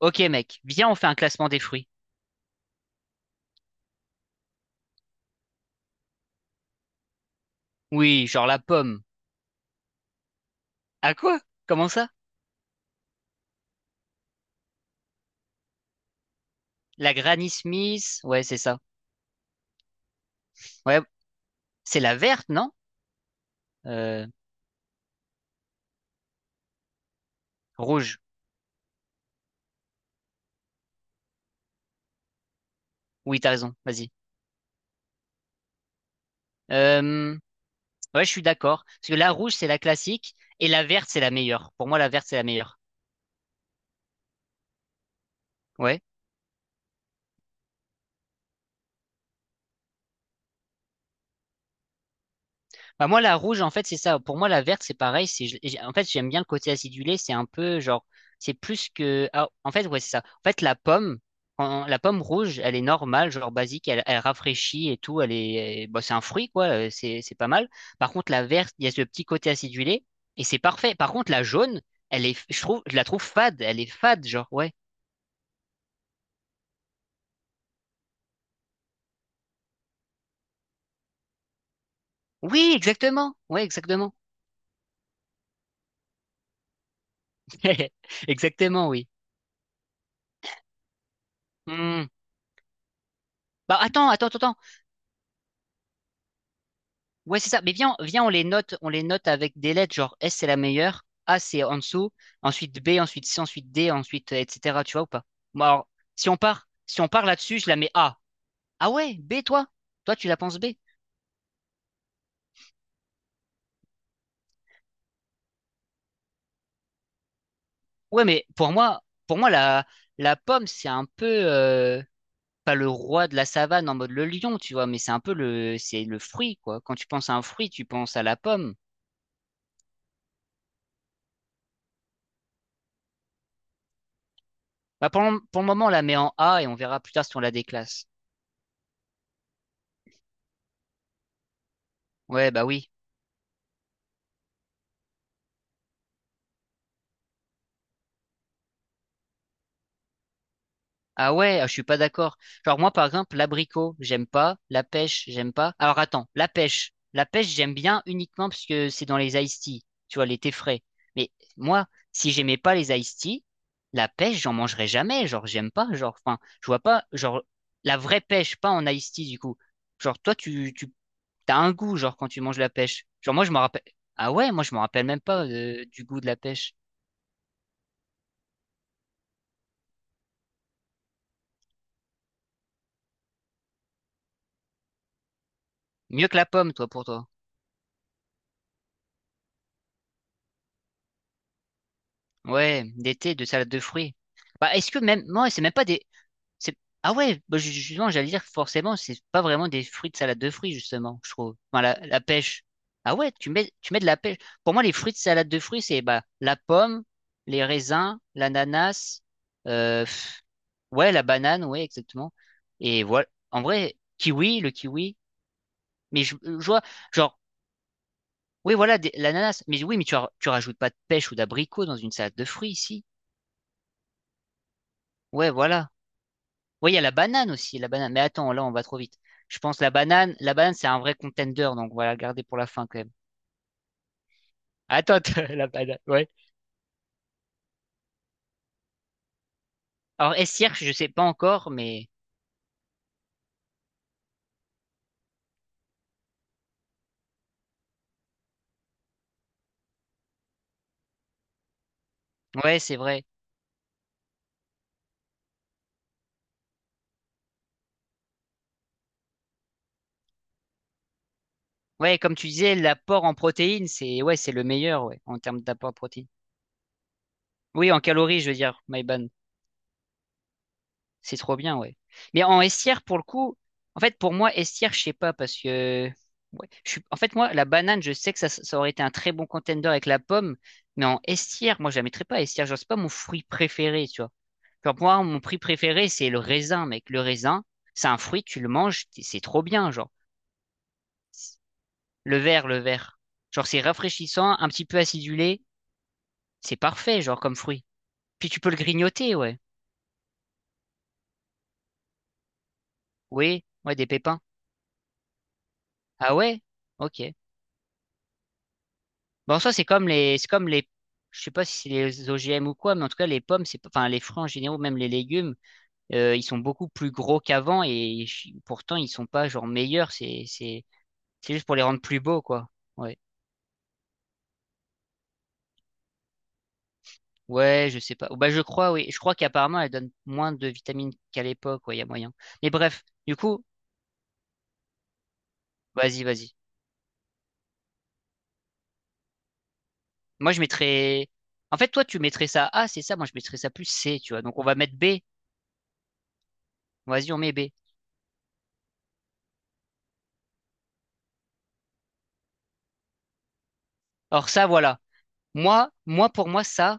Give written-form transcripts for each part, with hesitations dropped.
Ok mec, viens on fait un classement des fruits. Oui, genre la pomme. À quoi? Comment ça? La Granny Smith? Ouais, c'est ça. Ouais, c'est la verte, non? Euh, Rouge. Oui, t'as raison, vas-y. Euh, ouais, je suis d'accord. Parce que la rouge, c'est la classique, et la verte, c'est la meilleure. Pour moi, la verte, c'est la meilleure. Ouais. Bah, moi, la rouge, en fait, c'est ça. Pour moi, la verte, c'est pareil. C'est, en fait, j'aime bien le côté acidulé. C'est un peu genre, c'est plus que. Ah, en fait, ouais, c'est ça. En fait, la pomme, la pomme rouge, elle est normale, genre basique. Elle, elle rafraîchit et tout. Elle est, bon, c'est un fruit, quoi. C'est pas mal. Par contre, la verte, il y a ce petit côté acidulé et c'est parfait. Par contre, la jaune, elle est, je trouve, je la trouve fade. Elle est fade, genre, ouais. Oui, exactement. Ouais, exactement. Exactement, oui. Hmm. Bah, attends. Ouais, c'est ça. Mais viens, on les note avec des lettres, genre S c'est la meilleure, A c'est en dessous, ensuite B, ensuite C, ensuite D, ensuite etc. Tu vois ou pas? Bon, alors, si on part là-dessus, je la mets A. Ah ouais, B toi? Toi tu la penses B? Ouais, mais pour moi la pomme c'est un peu pas le roi de la savane en mode le lion, tu vois, mais c'est un peu le c'est le fruit quoi. Quand tu penses à un fruit, tu penses à la pomme. Bah pour le moment, on la met en A et on verra plus tard si on la déclasse. Ouais, bah oui. Ah ouais, ah, je suis pas d'accord. Genre moi par exemple, l'abricot, j'aime pas, la pêche, j'aime pas. Alors attends, la pêche. La pêche, j'aime bien uniquement parce que c'est dans les iced tea, tu vois, les thés frais. Mais moi, si j'aimais pas les iced tea, la pêche, j'en mangerais jamais, genre j'aime pas, genre enfin, je vois pas genre la vraie pêche pas en iced tea du coup. Genre toi tu tu t'as un goût genre quand tu manges la pêche. Genre moi je me rappelle. Ah ouais, moi je me rappelle même pas du goût de la pêche. Mieux que la pomme toi pour toi. Ouais, d'été de salade de fruits. Bah, est-ce que même, moi, c'est même pas des, c'est, ah ouais, bah, justement, j'allais dire, forcément, c'est pas vraiment des fruits de salade de fruits, justement, je trouve. Enfin, la pêche. Ah ouais, tu mets de la pêche. Pour moi, les fruits de salade de fruits, c'est, bah, la pomme, les raisins, l'ananas, euh, pff, ouais, la banane, ouais, exactement. Et voilà. En vrai, kiwi, le kiwi. Mais je vois, genre, oui, voilà, l'ananas. Mais oui, mais tu rajoutes pas de pêche ou d'abricot dans une salade de fruits ici. Ouais, voilà. Oui, il y a la banane aussi, la banane. Mais attends, là, on va trop vite. Je pense la banane, c'est un vrai contender, donc voilà, garder pour la fin quand même. Ah, attends, la banane, ouais. Alors, S-Hirsch, je sais pas encore, mais ouais, c'est vrai. Ouais, comme tu disais, l'apport en protéines, c'est ouais, c'est le meilleur, ouais, en termes d'apport en protéines. Oui, en calories, je veux dire, my bad. C'est trop bien, ouais. Mais en estière, pour le coup, en fait, pour moi, estière, je sais pas, parce que. Ouais, je suis... En fait, moi, la banane, je sais que ça aurait été un très bon contender avec la pomme, mais en estière, moi, je la mettrais pas estière. Genre, c'est pas mon fruit préféré, tu vois. Genre, pour moi, mon fruit préféré, c'est le raisin, mec. Le raisin, c'est un fruit, tu le manges, c'est trop bien, genre. Le vert. Genre, c'est rafraîchissant, un petit peu acidulé, c'est parfait, genre, comme fruit. Puis tu peux le grignoter, ouais. Oui, ouais, des pépins. Ah ouais? Ok. Bon, en soi, c'est comme les, je sais pas si c'est les OGM ou quoi, mais en tout cas, les pommes, c'est, pas- enfin, les fruits en général, même les légumes, ils sont beaucoup plus gros qu'avant et pourtant, ils sont pas genre meilleurs. C'est juste pour les rendre plus beaux, quoi. Ouais. Ouais, je sais pas. Bah, je crois, oui. Je crois qu'apparemment, elles donnent moins de vitamines qu'à l'époque, ouais, il y a moyen. Mais bref, du coup, vas-y. Moi, je mettrais, en fait, toi, tu mettrais ça A, c'est ça. Moi, je mettrais ça plus C, tu vois. Donc, on va mettre B. Vas-y, on met B. Or, ça, voilà. Moi,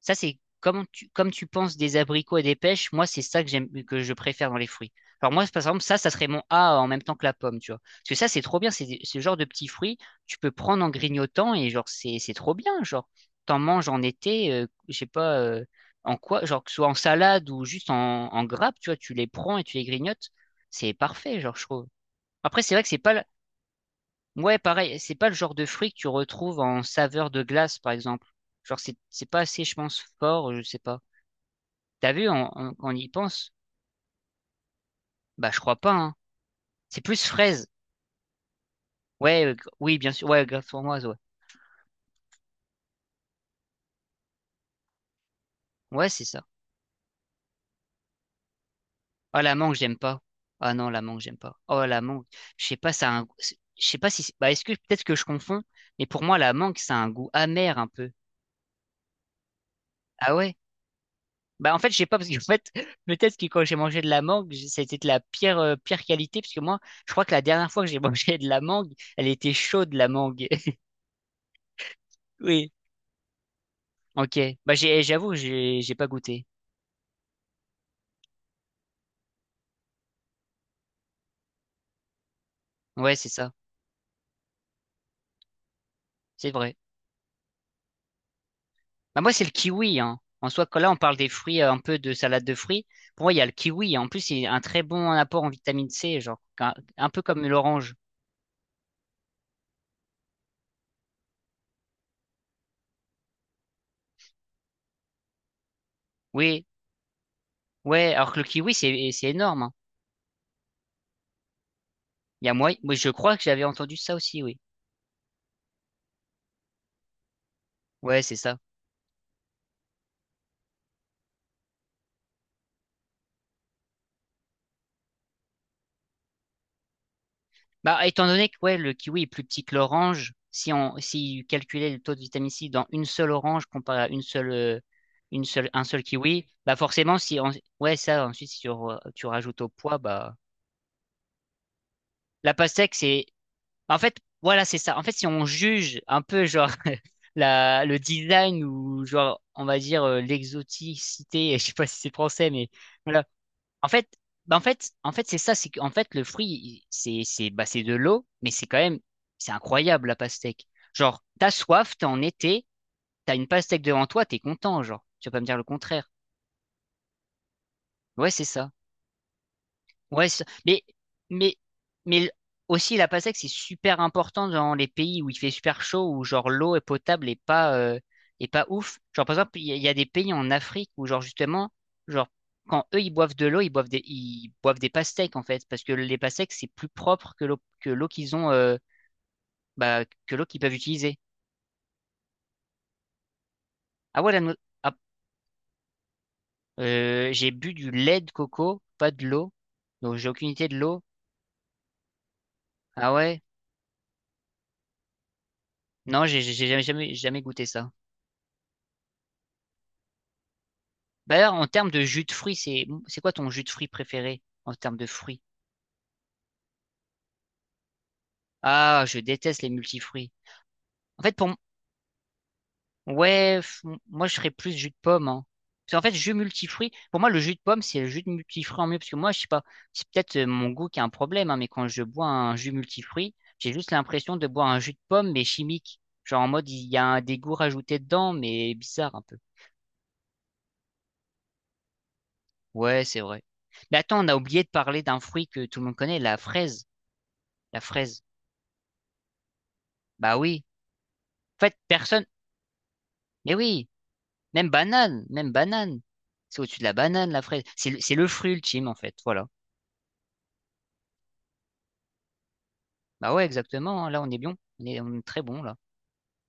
ça, c'est comme comme tu penses des abricots et des pêches, moi, c'est ça que j'aime, que je préfère dans les fruits. Alors moi, par exemple, ça serait mon A en même temps que la pomme, tu vois. Parce que ça, c'est trop bien, ce genre de petits fruits, tu peux prendre en grignotant et genre, c'est trop bien, genre. T'en manges en été, je sais pas, en quoi, genre, que ce soit en salade ou juste en, en grappe, tu vois, tu les prends et tu les grignotes, c'est parfait, genre, je trouve. Après, c'est vrai que c'est pas. Ouais, pareil, c'est pas le genre de fruit que tu retrouves en saveur de glace, par exemple. Genre, c'est pas assez, je pense, fort, je sais pas. T'as vu, on y pense? Bah, je crois pas, hein. C'est plus fraise. Ouais, euh, oui, bien sûr. Ouais, glace framboise, ouais. Ouais, c'est ça. Ah, la mangue, j'aime pas. Ah non, la mangue, j'aime pas. Oh, la mangue. Je sais pas, ça a un... Je sais pas si... Bah, est-ce que peut-être que je confonds, mais pour moi, la mangue, ça a un goût amer un peu. Ah ouais? Bah en fait, je sais pas parce qu'en fait, peut-être que quand j'ai mangé de la mangue, ça a été de la pire pire qualité parce que moi, je crois que la dernière fois que j'ai mangé de la mangue, elle était chaude la mangue. Oui. OK. Bah j'avoue, j'ai pas goûté. Ouais, c'est ça. C'est vrai. Bah moi, c'est le kiwi hein. En soi, quand là on parle des fruits un peu de salade de fruits, pour moi, il y a le kiwi en plus, c'est un très bon apport en vitamine C, genre un peu comme l'orange. Oui. Ouais, alors que le kiwi c'est énorme. Hein. Il y a moi je crois que j'avais entendu ça aussi, oui. Ouais, c'est ça. Bah, étant donné que ouais, le kiwi est plus petit que l'orange, si calculait le taux de vitamine C dans une seule orange comparé à une seule un seul kiwi, bah forcément si on, ouais ça ensuite si tu rajoutes au poids bah la pastèque c'est en fait voilà c'est ça. En fait si on juge un peu genre la le design ou genre on va dire l'exoticité, je sais pas si c'est français mais voilà en fait, c'est ça, c'est qu'en fait, c'est, bah, c'est de l'eau, mais c'est quand même, c'est incroyable, la pastèque. Genre, t'as soif, t'es en été, t'as une pastèque devant toi, t'es content, genre. Tu vas pas me dire le contraire. Ouais, c'est ça. Ouais, c'est- mais, mais, mais aussi la PASEC, c'est super important dans les pays où il fait super chaud, où genre l'eau est potable et pas ouf. Genre par exemple, il y a des pays en Afrique où genre justement, genre quand eux ils boivent de l'eau, ils boivent des pastèques en fait, parce que les pastèques c'est plus propre que l'eau qu'ils ont, que l'eau qu'ils peuvent utiliser. Ah ouais, la no- ah, j'ai bu du lait de coco, pas de l'eau, donc j'ai aucune idée de l'eau. Ah ouais, non, j'ai jamais goûté ça. Bah, d'ailleurs, en termes de jus de fruits, c'est quoi ton jus de fruits préféré en termes de fruits? Ah, je déteste les multifruits. En fait, pour m- ouais, f- moi je ferais plus jus de pomme. Hein. Parce qu'en fait, jus multifruits, pour moi le jus de pomme c'est le jus de multifruits en mieux. Parce que moi, je sais pas, c'est peut-être mon goût qui a un problème, hein, mais quand je bois un jus multifruits, j'ai juste l'impression de boire un jus de pomme mais chimique. Genre en mode il y a un- des goûts rajoutés dedans, mais bizarre un peu. Ouais, c'est vrai. Mais attends, on a oublié de parler d'un fruit que tout le monde connaît, la fraise. La fraise. Bah oui. En fait, personne. Mais oui, même banane. C'est au-dessus de la banane, la fraise. C'est le fruit ultime, en fait. Voilà. Bah ouais, exactement. Hein. Là, on est bien. On est très bon, là.